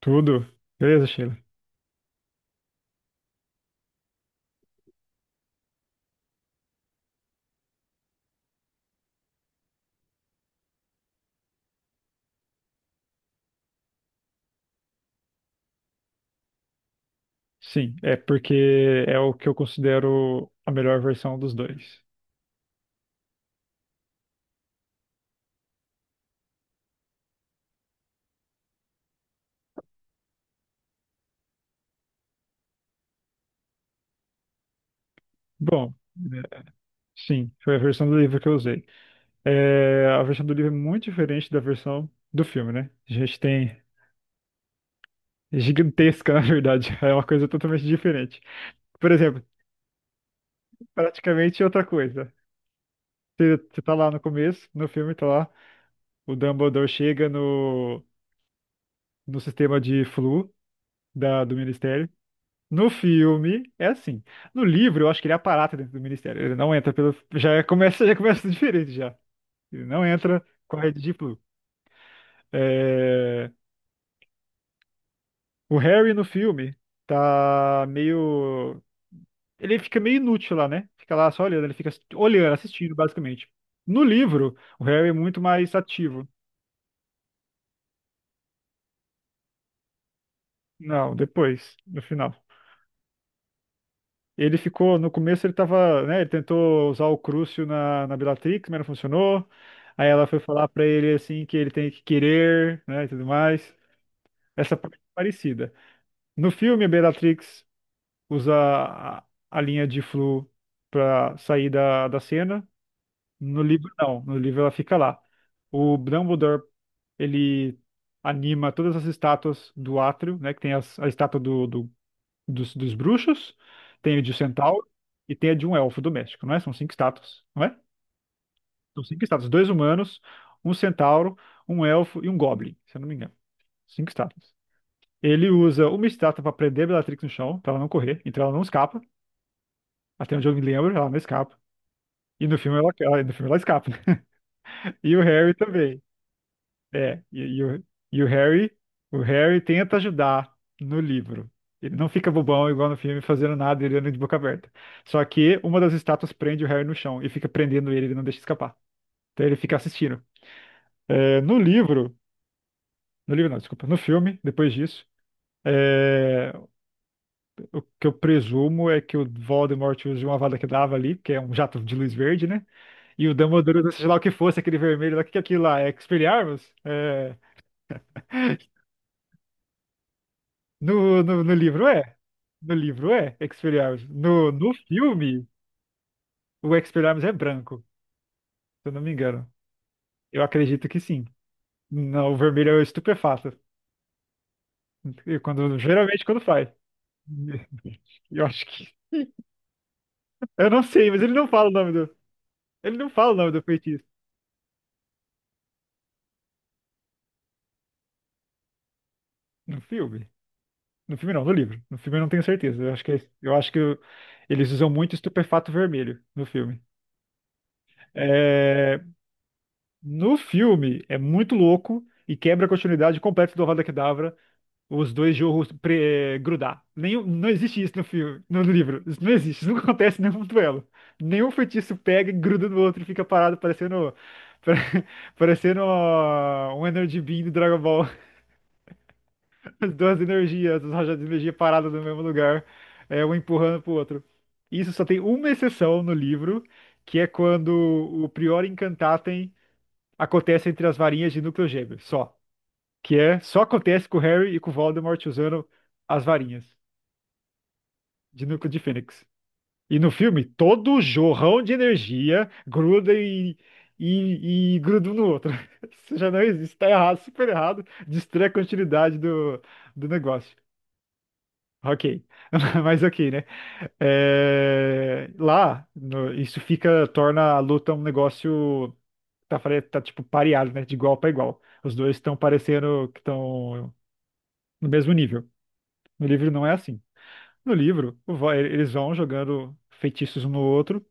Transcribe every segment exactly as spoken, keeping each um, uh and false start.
Tudo? Beleza, Sheila? Sim, é porque é o que eu considero a melhor versão dos dois. Bom, é, sim, foi a versão do livro que eu usei. É, a versão do livro é muito diferente da versão do filme, né? A gente tem é gigantesca, na verdade. É uma coisa totalmente diferente. Por exemplo, praticamente outra coisa. Você, você tá lá no começo, no filme tá lá, o Dumbledore chega no, no sistema de flu da, do Ministério. No filme, é assim. No livro, eu acho que ele aparata dentro do ministério. Ele não entra pelo. Já é, começa, já começa diferente já. Ele não entra com a Red Deep Blue. É, o Harry no filme tá meio. Ele fica meio inútil lá, né? Fica lá só olhando, ele fica olhando, assistindo, basicamente. No livro, o Harry é muito mais ativo. Não, depois, no final. Ele ficou, no começo ele tava, né, ele tentou usar o Crucio na, na Bellatrix, mas não funcionou. Aí ela foi falar pra ele, assim, que ele tem que querer, né, e tudo mais. Essa parte é parecida. No filme, a Bellatrix usa a, a linha de flu pra sair da, da cena. No livro, não. No livro ela fica lá. O Dumbledore, ele anima todas as estátuas do átrio, né, que tem as- a estátua do, do dos, dos bruxos, tem a de um centauro e tem a de um elfo doméstico, não é? São cinco estátuas, não é? São cinco estátuas, dois humanos, um centauro, um elfo e um goblin, se eu não me engano. Cinco estátuas. Ele usa uma estátua para prender a Bellatrix no chão, para ela não correr, então ela não escapa. Até onde eu me lembro, ela não escapa. E no filme ela, ela- no filme ela escapa, né? E o Harry também. É, e, e o, e o Harry, o Harry tenta ajudar no livro. Ele não fica bobão igual no filme, fazendo nada, ele anda de boca aberta. Só que uma das estátuas prende o Harry no chão e fica prendendo ele, ele não deixa escapar. Então ele fica assistindo. É, no livro, no livro não, desculpa, no filme, depois disso, é, o que eu presumo é que o Voldemort use uma Avada Kedavra ali, que é um jato de luz verde, né? E o Dumbledore, usa, seja lá o que fosse, aquele vermelho lá, o que que é aquilo lá? É Expelliarmus? É... No, no, no livro é. No livro é Expelliarmus. No, no filme, o Expelliarmus é branco, se eu não me engano. Eu acredito que sim. Não, o vermelho é o estupefato. E Quando, geralmente quando faz. Eu acho que. Eu não sei, mas ele não fala o nome do. Ele não fala o nome do feitiço. No filme? No filme não, no livro. No filme eu não tenho certeza. Eu acho que, é- eu acho que eu- eles usam muito estupefato vermelho no filme. É, no filme é muito louco e quebra a continuidade completa do Avada Kedavra. Os dois jorros pre- é, grudar. Nenhum, não existe isso no filme, no livro. Isso não existe, isso não acontece em nenhum duelo. Nenhum feitiço pega e gruda no outro e fica parado parecendo pare- parecendo ó, um Energy Beam do Dragon Ball. As duas energias, as rajadas de energia paradas no mesmo lugar, é, um empurrando pro outro. Isso só tem uma exceção no livro, que é quando o Prior Incantatem acontece entre as varinhas de núcleo gêmeo, só. Que é, só acontece com o Harry e com o Voldemort usando as varinhas. de núcleo de Fênix. E no filme, todo o jorrão de energia gruda e, e, e gruda um no outro. Isso já não existe, tá errado, super errado. Destrói a continuidade do, do negócio. Ok, mas ok, né? É, lá, no- isso fica, torna a luta um negócio tá, fare- tá tipo pareado, né? De igual para igual. Os dois estão parecendo que estão no mesmo nível. No livro não é assim. No livro, o va- eles vão jogando feitiços um no outro,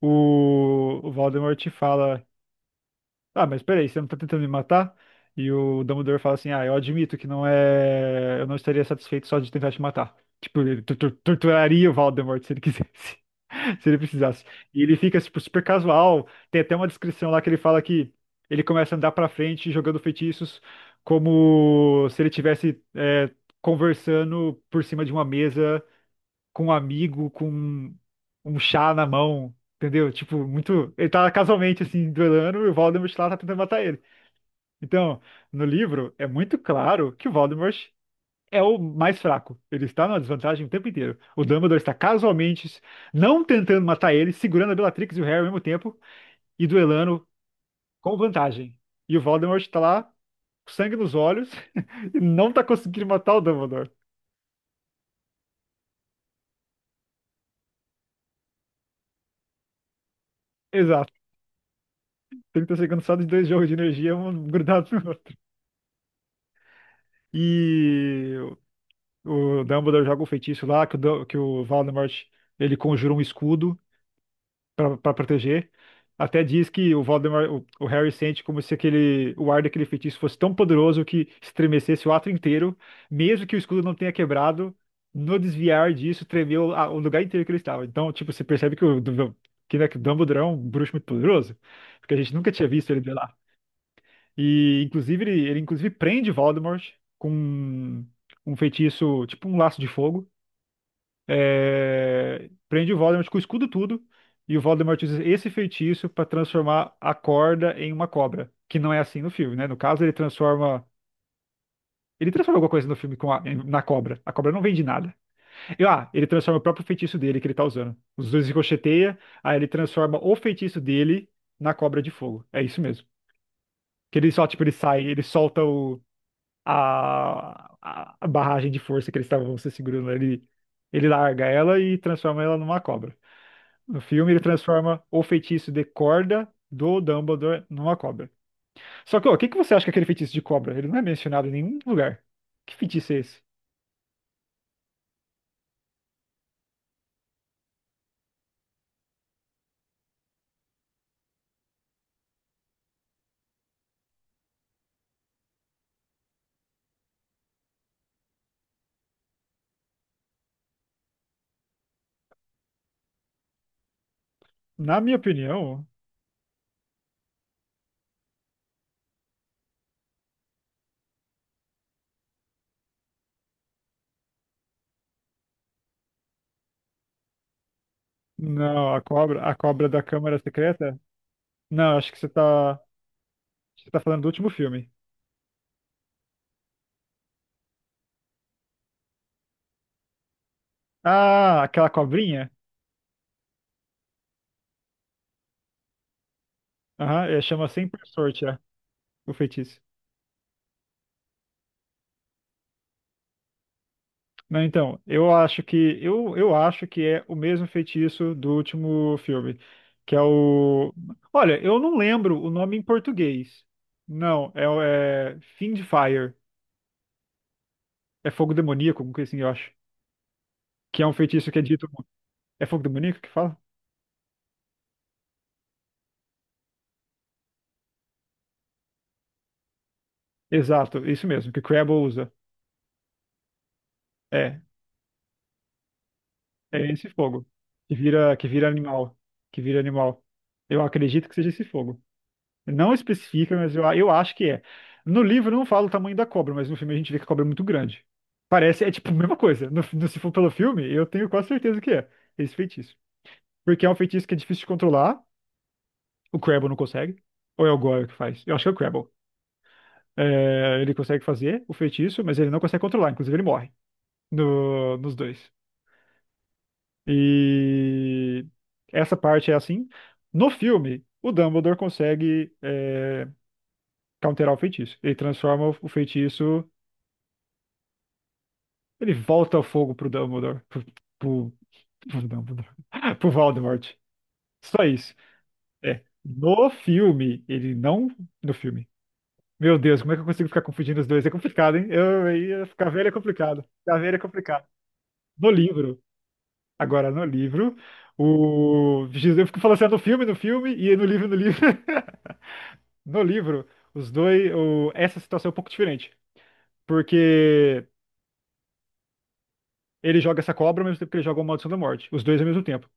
o, o Voldemort fala: Ah, mas peraí, você não tá tentando me matar? E o Dumbledore fala assim: Ah, eu admito que não é. Eu não estaria satisfeito só de tentar te matar. Tipo, ele tu- tu- torturaria o Voldemort se ele quisesse, se ele precisasse. E ele fica, tipo, super casual. Tem até uma descrição lá que ele fala que ele começa a andar pra frente jogando feitiços como se ele tivesse é, conversando por cima de uma mesa com um amigo, com um chá na mão, entendeu? Tipo, muito. Ele tá casualmente assim, duelando e o Voldemort lá tá tentando matar ele. Então, no livro, é muito claro que o Voldemort é o mais fraco. Ele está numa desvantagem o tempo inteiro. O Dumbledore está casualmente não tentando matar ele, segurando a Bellatrix e o Harry ao mesmo tempo e duelando com vantagem. E o Voldemort tá lá, com sangue nos olhos, e não tá conseguindo matar o Dumbledore. Exato. trinta segundos só dos dois jogos de energia, um grudado no outro. E o Dumbledore joga o feitiço lá, que o, Dum- que o Voldemort, ele conjura um escudo para proteger. Até diz que o Voldemort, o, o Harry sente como se aquele, o ar daquele feitiço fosse tão poderoso que estremecesse o ato inteiro, mesmo que o escudo não tenha quebrado, no desviar disso tremeu a- o lugar inteiro que ele estava. Então, tipo, você percebe que o, Dum- que, né, que o Dumbledore é um bruxo muito poderoso, porque a gente nunca tinha visto ele, e inclusive ele, ele inclusive prende Voldemort com um um feitiço, tipo um laço de fogo. É, prende o Voldemort com o escudo tudo. E o Voldemort usa esse feitiço para transformar a corda em uma cobra, que não é assim no filme, né? No caso, ele transforma ele transforma alguma coisa no filme com a- na cobra. A cobra não vem de nada. E, ah, ele transforma o próprio feitiço dele que ele tá usando. Os dois ricocheteia, aí ele transforma o feitiço dele na cobra de fogo. É isso mesmo. Que ele só, tipo, ele sai, ele solta o a, a a barragem de força que eles estavam se segurando ali, ele larga ela e transforma ela numa cobra. No filme, ele transforma o feitiço de corda do Dumbledore numa cobra. Só que, ó, o que que você acha que é aquele feitiço de cobra? Ele não é mencionado em nenhum lugar. Que feitiço é esse? Na minha opinião, não, a cobra, a cobra da Câmara Secreta? Não, acho que você tá, você tá falando do último filme. Ah, aquela cobrinha? Aham, é, chama Sem por Sorte, é, o feitiço. Não, então, eu acho que eu, eu acho que é o mesmo feitiço do último filme, que é o. Olha, eu não lembro o nome em português. Não, é, o- é Fiend Fire, é fogo demoníaco, alguma coisa assim, eu acho. Que é um feitiço que é dito. É fogo demoníaco que fala? Exato, isso mesmo, que Crabbe usa. É, é esse fogo que vira que vira animal, que vira animal. Eu acredito que seja esse fogo. Não especifica, mas eu, eu acho que é. No livro não fala o tamanho da cobra, mas no filme a gente vê que a cobra é muito grande. Parece, é tipo a mesma coisa. No, no- se for pelo filme, eu tenho quase certeza que é esse feitiço. Porque é um feitiço que é difícil de controlar, o Crabble não consegue. Ou é o Goyle que faz? Eu acho que é o Crabble. É, ele consegue fazer o feitiço, mas ele não consegue controlar, inclusive ele morre no- nos dois. E essa parte é assim. No filme, o Dumbledore consegue é, counterar o feitiço. Ele transforma o o feitiço Ele volta ao fogo pro Dumbledore. Pro, pro, pro Dumbledore. Pro Voldemort. Só isso. É. No filme, ele não. No filme. Meu Deus, como é que eu consigo ficar confundindo os dois? É complicado, hein? Eu, aí, ficar velho é complicado. Ficar velho é complicado. No livro. Agora, no livro, o. Jesus, eu fico falando assim: "Ah, no filme, no filme, e no livro, no livro". No livro, os dois. o- Essa situação é um pouco diferente. Porque ele joga essa cobra ao mesmo tempo que ele joga o Maldição da Morte. Os dois ao mesmo tempo.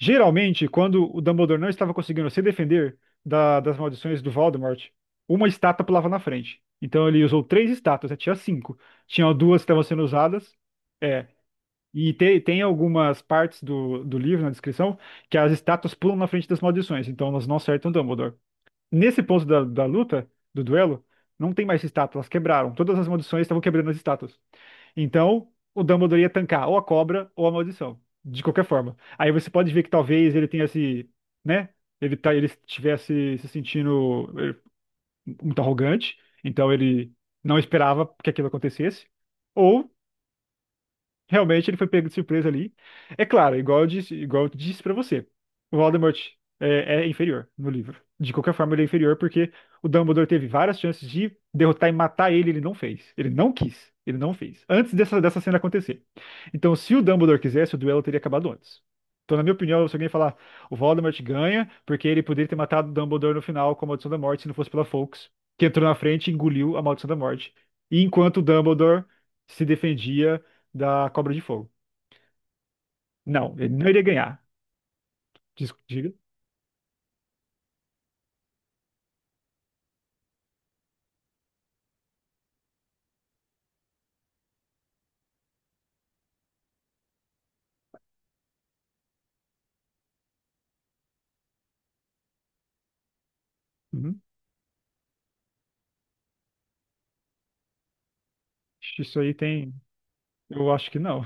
Geralmente, quando o Dumbledore não estava conseguindo se defender da- das maldições do Voldemort, uma estátua pulava na frente. Então ele usou três estátuas, né? Tinha cinco. Tinha duas que estavam sendo usadas. É. E te- tem algumas partes do, do livro, na descrição, que as estátuas pulam na frente das maldições. Então elas não acertam o Dumbledore. Nesse ponto da, da luta, do duelo, não tem mais estátuas, elas quebraram. Todas as maldições estavam quebrando as estátuas. Então, o Dumbledore ia tancar ou a cobra ou a maldição, de qualquer forma. Aí você pode ver que talvez ele tenha se, né? Ele, tá, ele estivesse se sentindo eh, muito arrogante, então ele não esperava que aquilo acontecesse. Ou realmente ele foi pego de surpresa ali. É claro, igual eu disse, igual eu disse para você, o Voldemort é, é inferior no livro. De qualquer forma, ele é inferior porque o Dumbledore teve várias chances de derrotar e matar ele, ele não fez. Ele não quis. Ele não fez. Antes dessa, dessa cena acontecer. Então, se o Dumbledore quisesse, o duelo teria acabado antes. Então, na minha opinião, se alguém falar o Voldemort ganha, porque ele poderia ter matado o Dumbledore no final com a Maldição da Morte, se não fosse pela Fawkes, que entrou na frente e engoliu a Maldição da Morte. E enquanto o Dumbledore se defendia da Cobra de Fogo. Não, ele não iria ganhar. Dis- Diga. Uhum. Isso aí tem. Eu acho que não.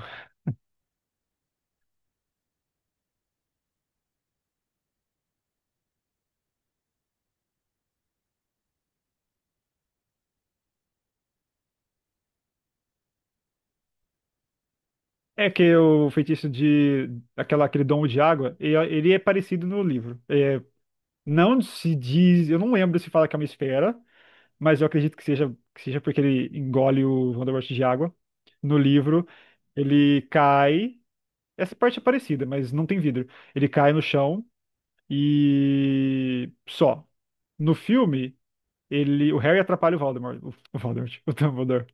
É que o feitiço de. Aquela, aquele domo de água, e- ele é parecido no livro. É, não se diz. Eu não lembro se fala que é uma esfera, mas eu acredito que seja, que seja, porque ele engole o Voldemort de água. No livro, ele cai. Essa parte é parecida, mas não tem vidro. Ele cai no chão e. Só. No filme. ele, o Harry atrapalha o Voldemort, o, o Voldemort, o Dumbledore,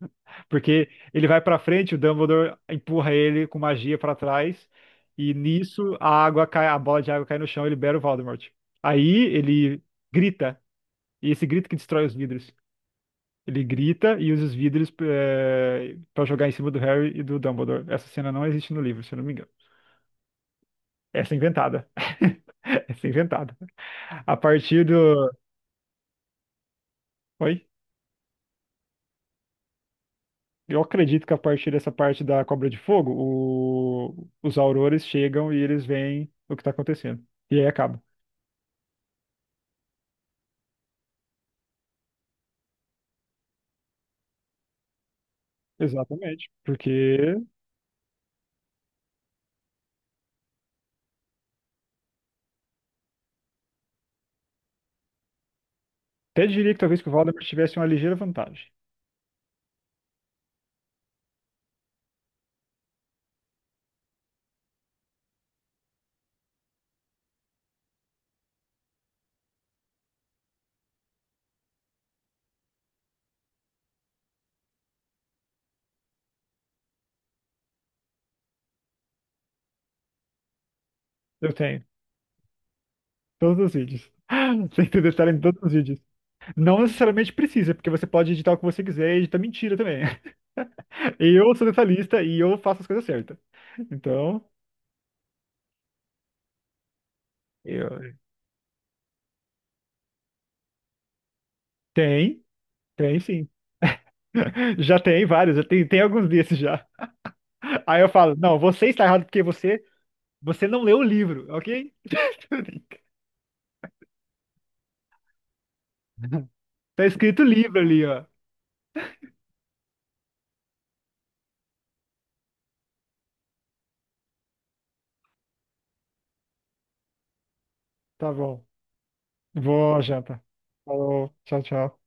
porque ele vai pra frente, o Dumbledore empurra ele com magia pra trás e nisso a água cai, a bola de água cai no chão, e libera o Voldemort. Aí ele grita e esse grito que destrói os vidros. Ele grita e usa os vidros eh, pra jogar em cima do Harry e do Dumbledore. Essa cena não existe no livro, se eu não me engano. Essa é inventada. Essa é inventada. A partir do. Oi? Eu acredito que a partir dessa parte da Cobra de Fogo, o- os aurores chegam e eles veem o que está acontecendo. E aí acaba. Exatamente. Porque até diria que talvez que o Valdemar tivesse uma ligeira vantagem. Eu tenho. Todos os vídeos. Sem ter detalhe em todos os vídeos. Não necessariamente precisa, porque você pode editar o que você quiser e editar mentira também. Eu sou detalhista e eu faço as coisas certas. Então, eu... tem, tem sim. Já tem vários, já tem, tem alguns desses já. Aí eu falo, não, você está errado porque você, você não leu o livro, ok? Tá escrito livro ali, ó. Tá bom. Vou à janta. Falou, tchau, tchau.